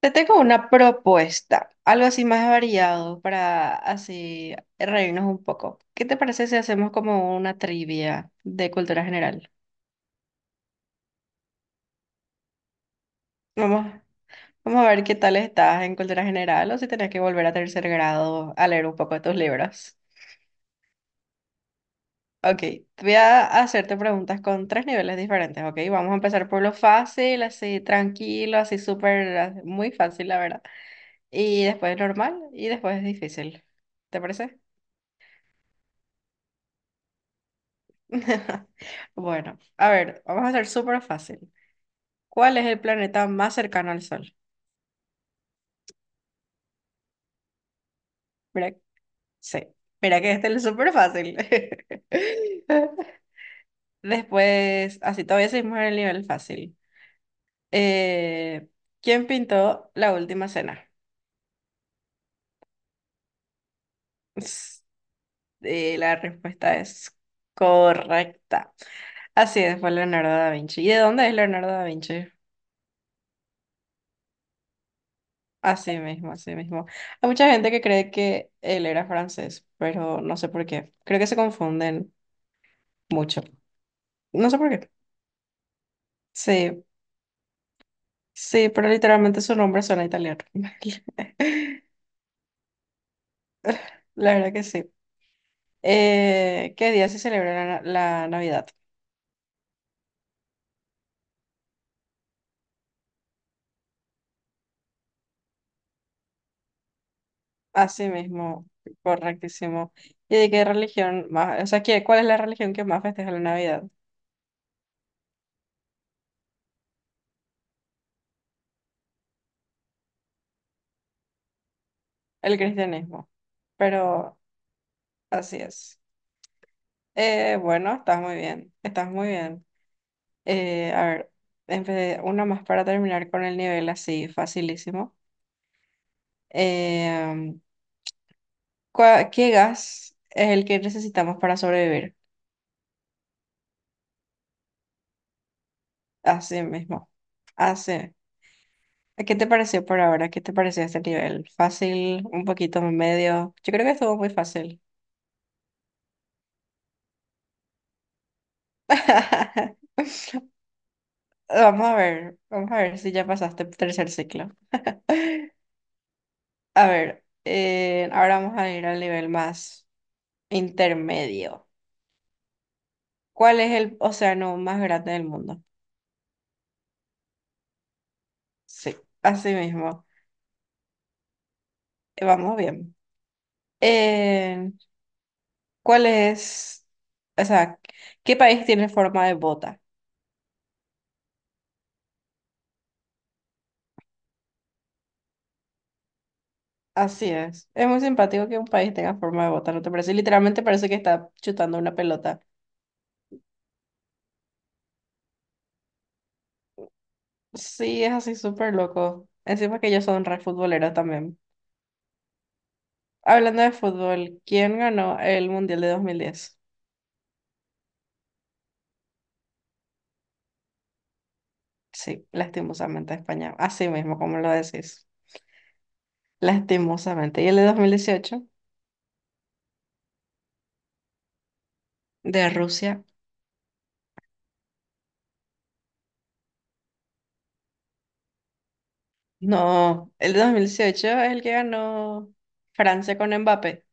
Te tengo una propuesta, algo así más variado para así reírnos un poco. ¿Qué te parece si hacemos como una trivia de cultura general? Vamos, vamos a ver qué tal estás en cultura general o si tenés que volver a tercer grado a leer un poco de tus libros. Ok, voy a hacerte preguntas con tres niveles diferentes, ¿ok? Vamos a empezar por lo fácil, así tranquilo, así súper, muy fácil, la verdad. Y después normal y después difícil. ¿Te parece? Bueno, a ver, vamos a hacer súper fácil. ¿Cuál es el planeta más cercano al Sol? Mira, sí, mira que este es súper fácil. Después, así todavía seguimos en el nivel fácil. Eh, ¿Quién pintó la última cena? Ps, la respuesta es correcta. Así es, fue Leonardo da Vinci. ¿Y de dónde es Leonardo da Vinci? Así mismo, así mismo. Hay mucha gente que cree que él era francés, pero no sé por qué. Creo que se confunden mucho. No sé por qué. Sí, sí, pero literalmente su nombre suena italiano. La verdad que sí. ¿Qué día se celebra la Navidad? Así mismo, correctísimo. ¿Y de qué religión más? O sea, ¿Cuál es la religión que más festeja la Navidad? El cristianismo. Pero así es. Bueno, estás muy bien, estás muy bien. A ver, una más para terminar con el nivel así, facilísimo. Em, ¿Qué gas es el que necesitamos para sobrevivir? Así mismo. Así. ¿Qué te pareció por ahora? ¿Qué te pareció este nivel? ¿Fácil? ¿Un poquito medio? Yo creo que estuvo muy fácil. Vamos a ver si ya pasaste el tercer ciclo. A ver, ahora vamos a ir al nivel más intermedio. ¿Cuál es el océano más grande del mundo? Sí, así mismo. Vamos bien. Eh, ¿Cuál es, o sea, qué país tiene forma de bota? Así es. Es muy simpático que un país tenga forma de bota, ¿no te parece? Literalmente parece que está chutando una pelota. Sí, es así súper loco. Encima que ellos son re futboleros también. Hablando de fútbol, ¿quién ganó el Mundial de 2010? Sí, lastimosamente España. Así mismo, como lo decís. Lastimosamente. ¿Y el de 2018? De Rusia. No, el 2018 es el que ganó Francia con Mbappé.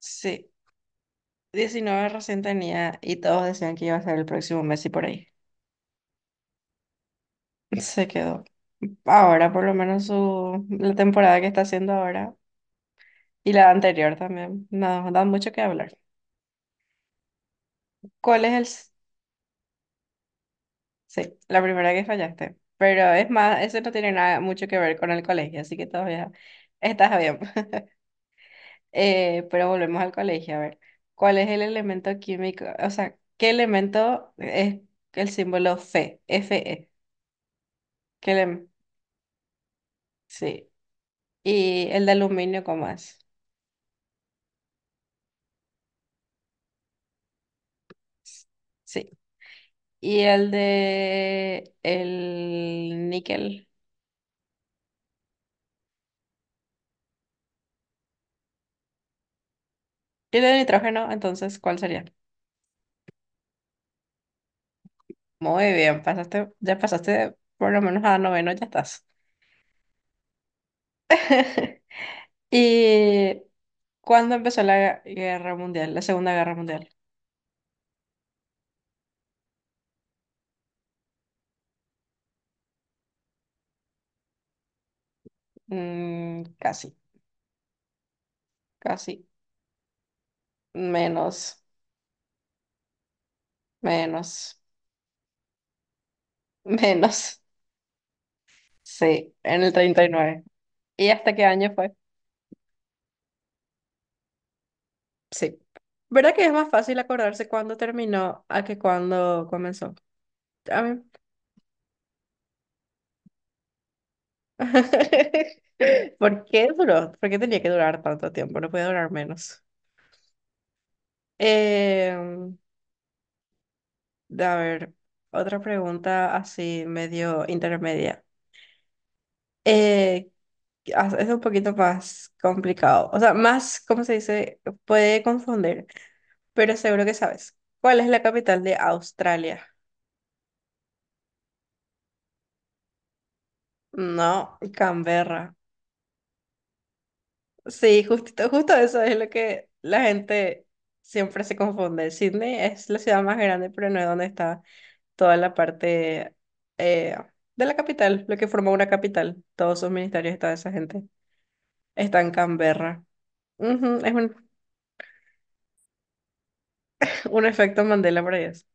Sí, 19 recién tenía y todos decían que iba a ser el próximo Messi por ahí. Se quedó. Ahora, por lo menos su, la temporada que está haciendo ahora y la anterior también, nos da mucho que hablar. ¿Cuál es el...? S- Sí, la primera que fallaste. Pero es más, eso no tiene nada mucho que ver con el colegio, así que todavía estás bien. Pero volvemos al colegio, a ver, ¿cuál es el elemento químico? O sea, ¿qué elemento es el símbolo Fe? Fe. ¿Qué elem- sí. Y el de aluminio, ¿cómo es? Sí. Y el de el níquel. Y el de nitrógeno, entonces, ¿cuál sería? Muy bien, pasaste, ya pasaste por lo menos a noveno, ya estás. ¿Y cuándo empezó la Segunda Guerra Mundial? Mm, casi. Casi. Menos, menos, menos. Sí, en el 30. ¿Y nueve y hasta qué año fue? Sí. ¿Verdad que es más fácil acordarse cuándo terminó a que cuándo comenzó? A mí- ¿Por qué duró? ¿Por qué tenía que durar tanto tiempo? No puede durar menos. Em, a ver, otra pregunta así medio intermedia. Eh, es un poquito más complicado. O sea, más, ¿cómo se dice? Puede confundir. Pero seguro que sabes. ¿Cuál es la capital de Australia? No, Canberra. Sí, justito, justo eso es lo que la gente siempre se confunde. Sydney es la ciudad más grande, pero no es donde está toda la parte eh, de la capital, lo que forma una capital. Todos sus ministerios y toda esa gente está en Canberra. Ujú, es un, un efecto Mandela para ellos.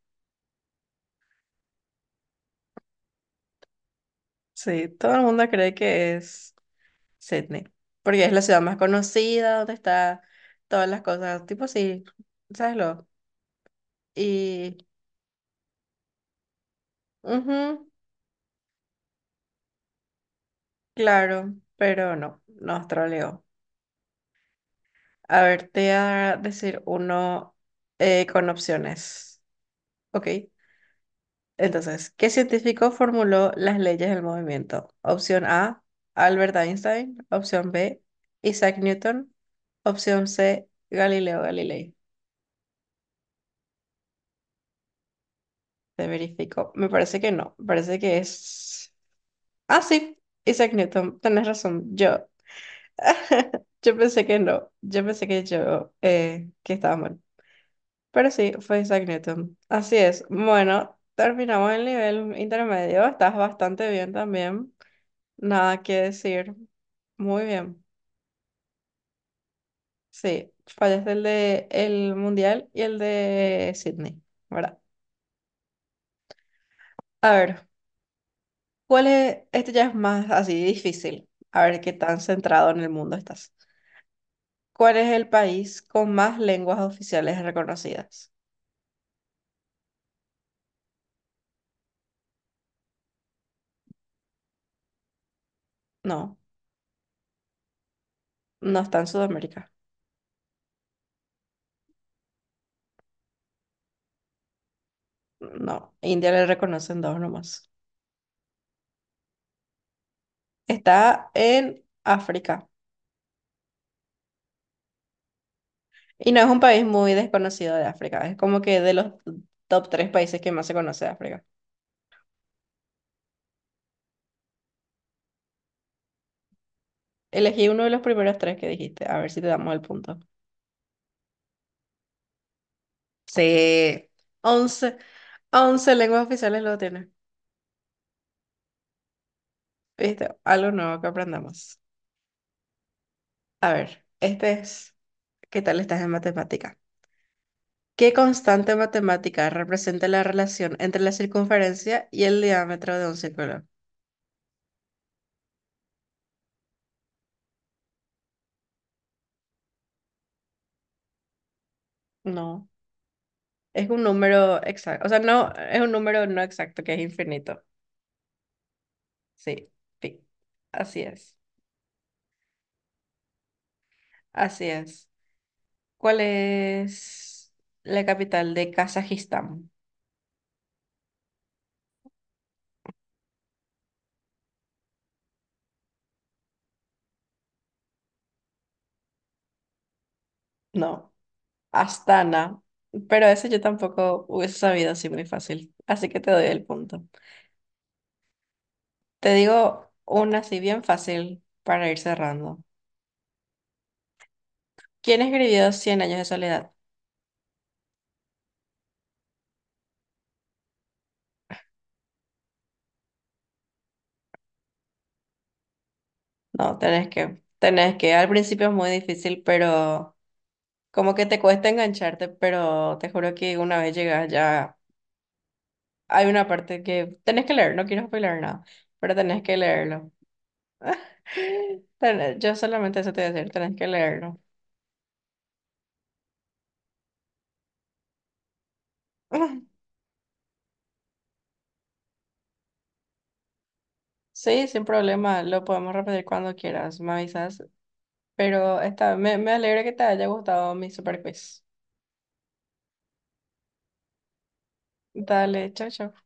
Sí, todo el mundo cree que es Sydney, porque es la ciudad más conocida, donde está todas las cosas, tipo sí, ¿sabes lo? Y, ujú, claro, pero no, nos troleó. A ver, te voy a decir uno con opciones, ¿ok? Entonces, ¿qué científico formuló las leyes del movimiento? Opción A, Albert Einstein, opción B, Isaac Newton, opción C, Galileo Galilei. Te verifico. Me parece que no, me parece que es... Ah, sí, Isaac Newton, tenés razón. Yo pensé que no, yo pensé que que estaba mal. Pero sí, fue Isaac Newton. Así es. Bueno, terminamos el nivel intermedio. Estás bastante bien también. Nada que decir. Muy bien. Sí, fallaste el de el mundial y el de Sydney, ¿verdad? A ver, ¿cuál es? Este ya es más así difícil. A ver qué tan centrado en el mundo estás. ¿Cuál es el país con más lenguas oficiales reconocidas? No, no está en Sudamérica. No, India le reconocen dos nomás. Está en África. Y no es un país muy desconocido de África. Es como que de los top tres países que más se conoce de África. Elegí uno de los primeros tres que dijiste. A ver si te damos el punto. Sí. 11, 11 lenguas oficiales lo tiene. ¿Viste? Algo nuevo que aprendamos. A ver, este es... ¿Qué tal estás en matemática? ¿Qué constante matemática representa la relación entre la circunferencia y el diámetro de un círculo? No, es un número exacto. O sea, no, es un número no exacto que es infinito. Sí, pi. Así es. Así es. ¿Cuál es la capital de Kazajistán? No, Astana. Pero eso yo tampoco hubiese sabido así muy fácil. Así que te doy el punto. Te digo una así bien fácil para ir cerrando. ¿Quién escribió Cien años de soledad? No, tenés que, tenés que. Al principio es muy difícil, pero como que te cuesta engancharte, pero te juro que una vez llegas ya hay una parte que tenés que leer, no quiero spoiler nada, pero tenés que leerlo. Yo solamente eso te voy a decir, tenés que leerlo. Sí, sin problema, lo podemos repetir cuando quieras, me avisas, pero está, me alegra que te haya gustado mi super quiz. Dale, chao, chao.